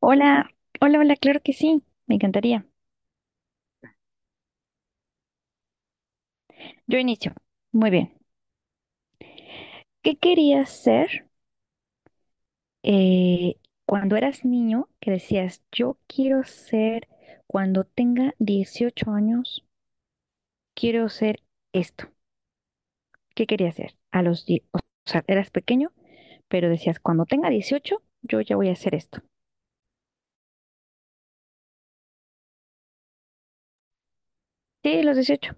Hola, hola, hola, claro que sí, me encantaría. Yo inicio. Muy bien. ¿Qué querías ser eh, cuando eras niño? Que decías, yo quiero ser, cuando tenga 18 años, quiero ser esto. ¿Qué querías ser? O sea, eras pequeño, pero decías, cuando tenga 18 yo ya voy a hacer esto. Sí, los 18.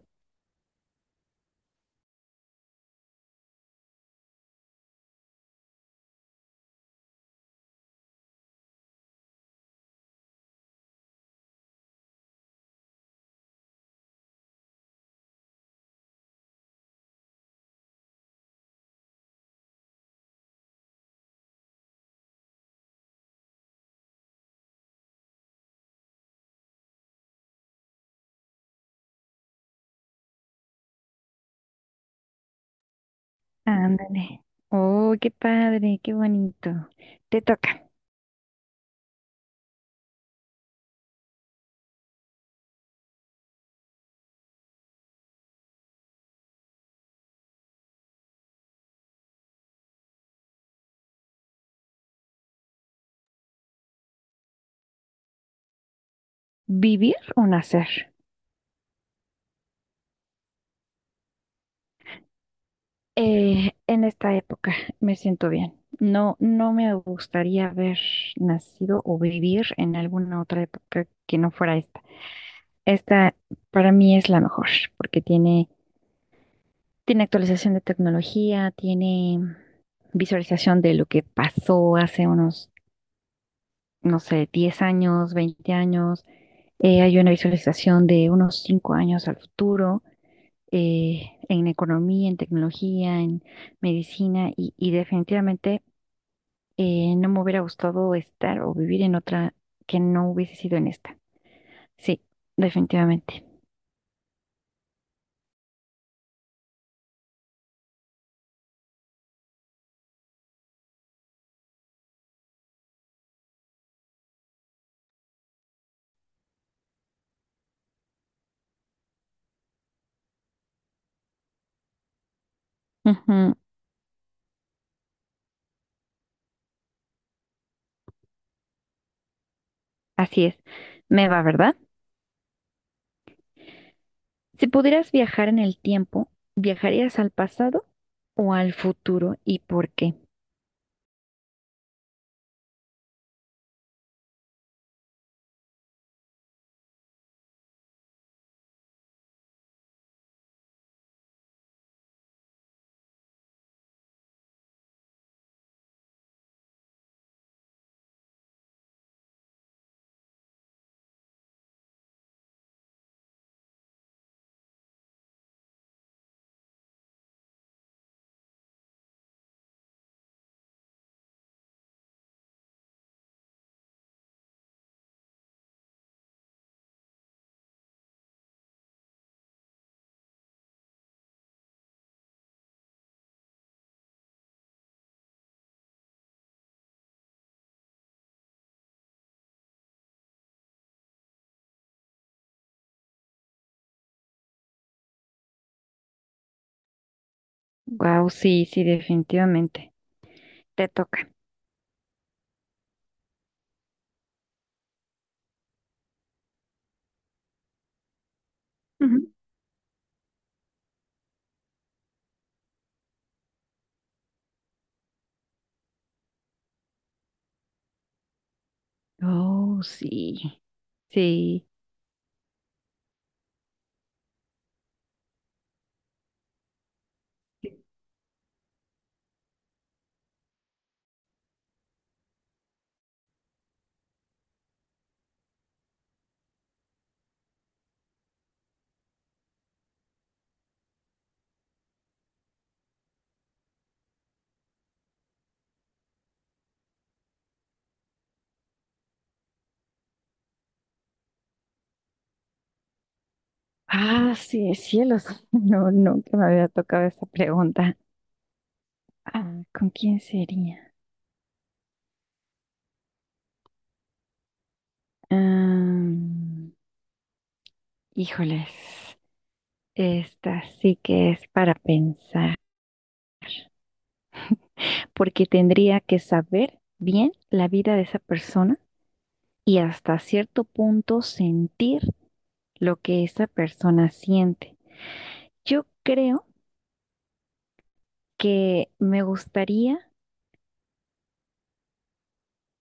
Ándale. Oh, qué padre, qué bonito. Te toca. ¿Vivir o nacer? En esta época me siento bien. No, no me gustaría haber nacido o vivir en alguna otra época que no fuera esta. Esta para mí es la mejor porque tiene actualización de tecnología, tiene visualización de lo que pasó hace unos, no sé, 10 años, 20 años. Hay una visualización de unos 5 años al futuro, en economía, en tecnología, en medicina y definitivamente, no me hubiera gustado estar o vivir en otra que no hubiese sido en esta. Sí, definitivamente. Ujú. Así es. Me va, ¿verdad? Si pudieras viajar en el tiempo, ¿viajarías al pasado o al futuro y por qué? Wow, sí, sí, definitivamente. Te toca. Ujú. Oh, sí. Sí. Ah, sí, cielos. No, nunca me había tocado esa pregunta. Ah, ¿con quién sería? Ah, híjoles. Esta sí que es para pensar, porque tendría que saber bien la vida de esa persona y hasta cierto punto sentir lo que esa persona siente. Yo creo que me gustaría,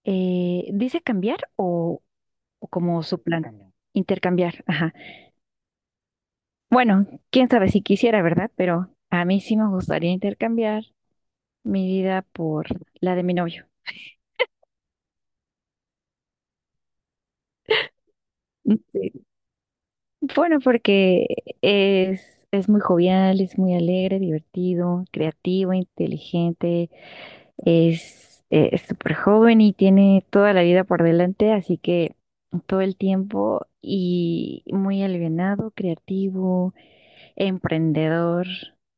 dice cambiar o como su plan. Intercambiar. Ajá. Bueno, quién sabe si quisiera, ¿verdad? Pero a mí sí me gustaría intercambiar mi vida por la de mi novio. Bueno, porque es muy jovial, es muy alegre, divertido, creativo, inteligente, es es súper joven y tiene toda la vida por delante, así que todo el tiempo y muy alivianado, creativo, emprendedor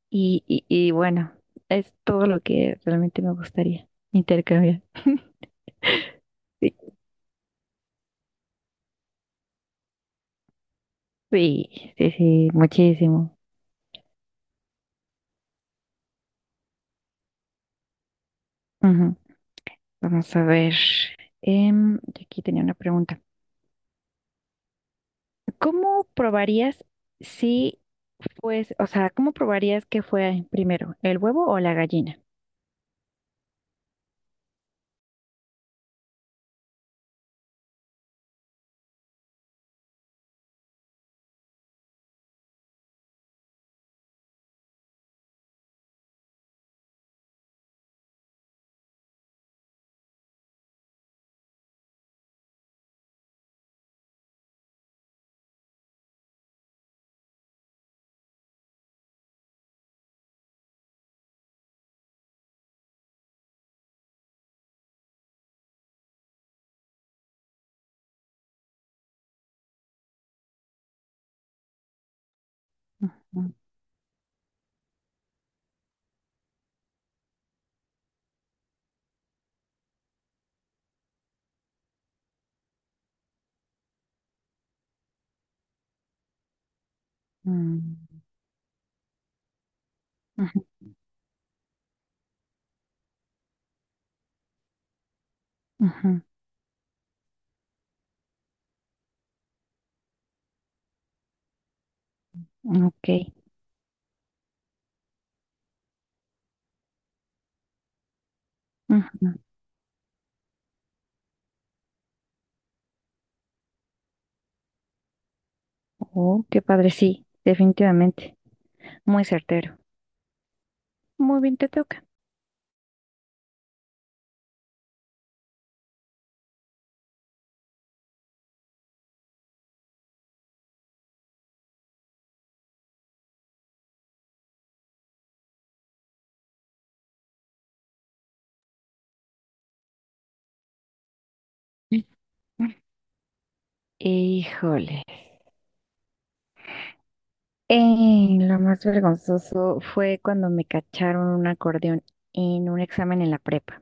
y bueno, es todo lo que realmente me gustaría intercambiar. Sí, sí, sí, sí, muchísimo. Ujú. Vamos a ver. Yo aquí tenía una pregunta. ¿Cómo probarías si pues, o sea, cómo probarías que fue primero, el huevo o la gallina? Ujú. Mm. Ujú, ujú. Ok. Ujú. Oh, qué padre, sí, definitivamente. Muy certero. Muy bien, te toca. Híjole. Lo más vergonzoso fue cuando me cacharon un acordeón en un examen en la prepa.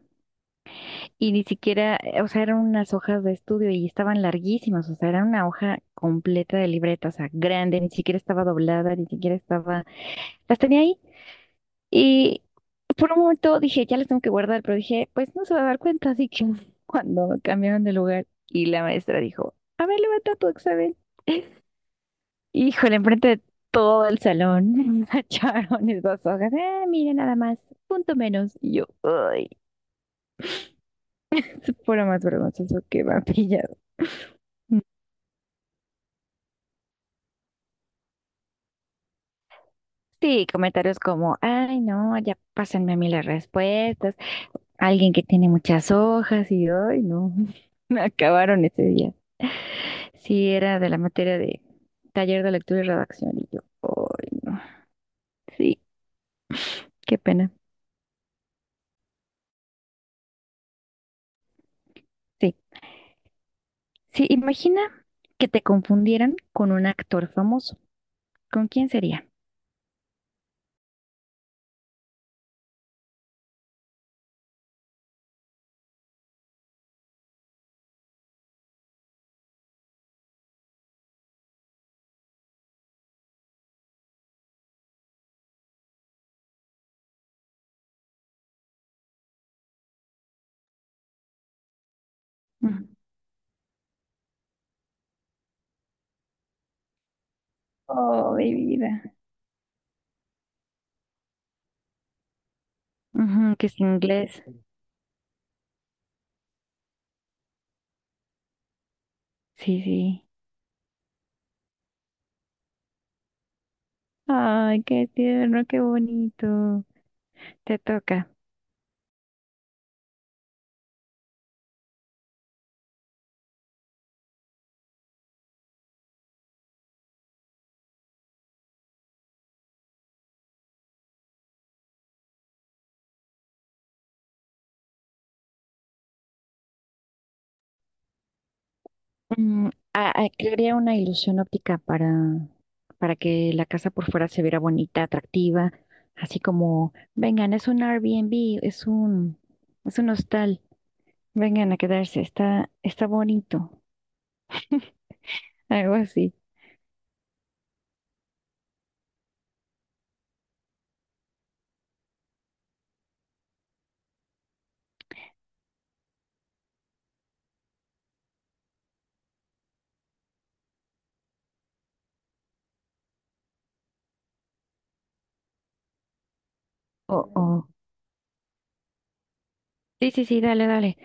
Y ni siquiera, o sea, eran unas hojas de estudio y estaban larguísimas, o sea, era una hoja completa de libreta, o sea, grande, ni siquiera estaba doblada, ni siquiera estaba, las tenía ahí. Y por un momento dije, ya las tengo que guardar, pero dije, pues no se va a dar cuenta, así que, cuando cambiaron de lugar y la maestra dijo, a ver, levanta tu examen. Híjole, enfrente de todo el salón, echaron esas hojas, ah, mire nada más, punto menos. Y yo, ay, es puro más vergonzoso que vampillas. Sí, comentarios como, ay, no, ya pásenme a mí las respuestas. Alguien que tiene muchas hojas y, ay, no, me acabaron ese día. Sí, era de la materia de taller de lectura y redacción y yo, ay, no, sí, qué pena. Sí, sí, imagina que te confundieran con un actor famoso. ¿Con quién sería? Ujú. Oh, mi vida. Ujú, que es inglés. Sí, sí. Ay, qué tierno, qué bonito. Te toca. Mm, crearía una ilusión óptica para que la casa por fuera se viera bonita, atractiva, así como, vengan, es un Airbnb, es un hostal, vengan a quedarse, está, está bonito, algo así. O, o, sí, sí, sí, dale, dale,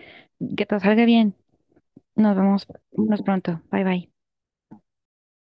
que todo salga bien, nos vemos, nos pronto, bye, bye.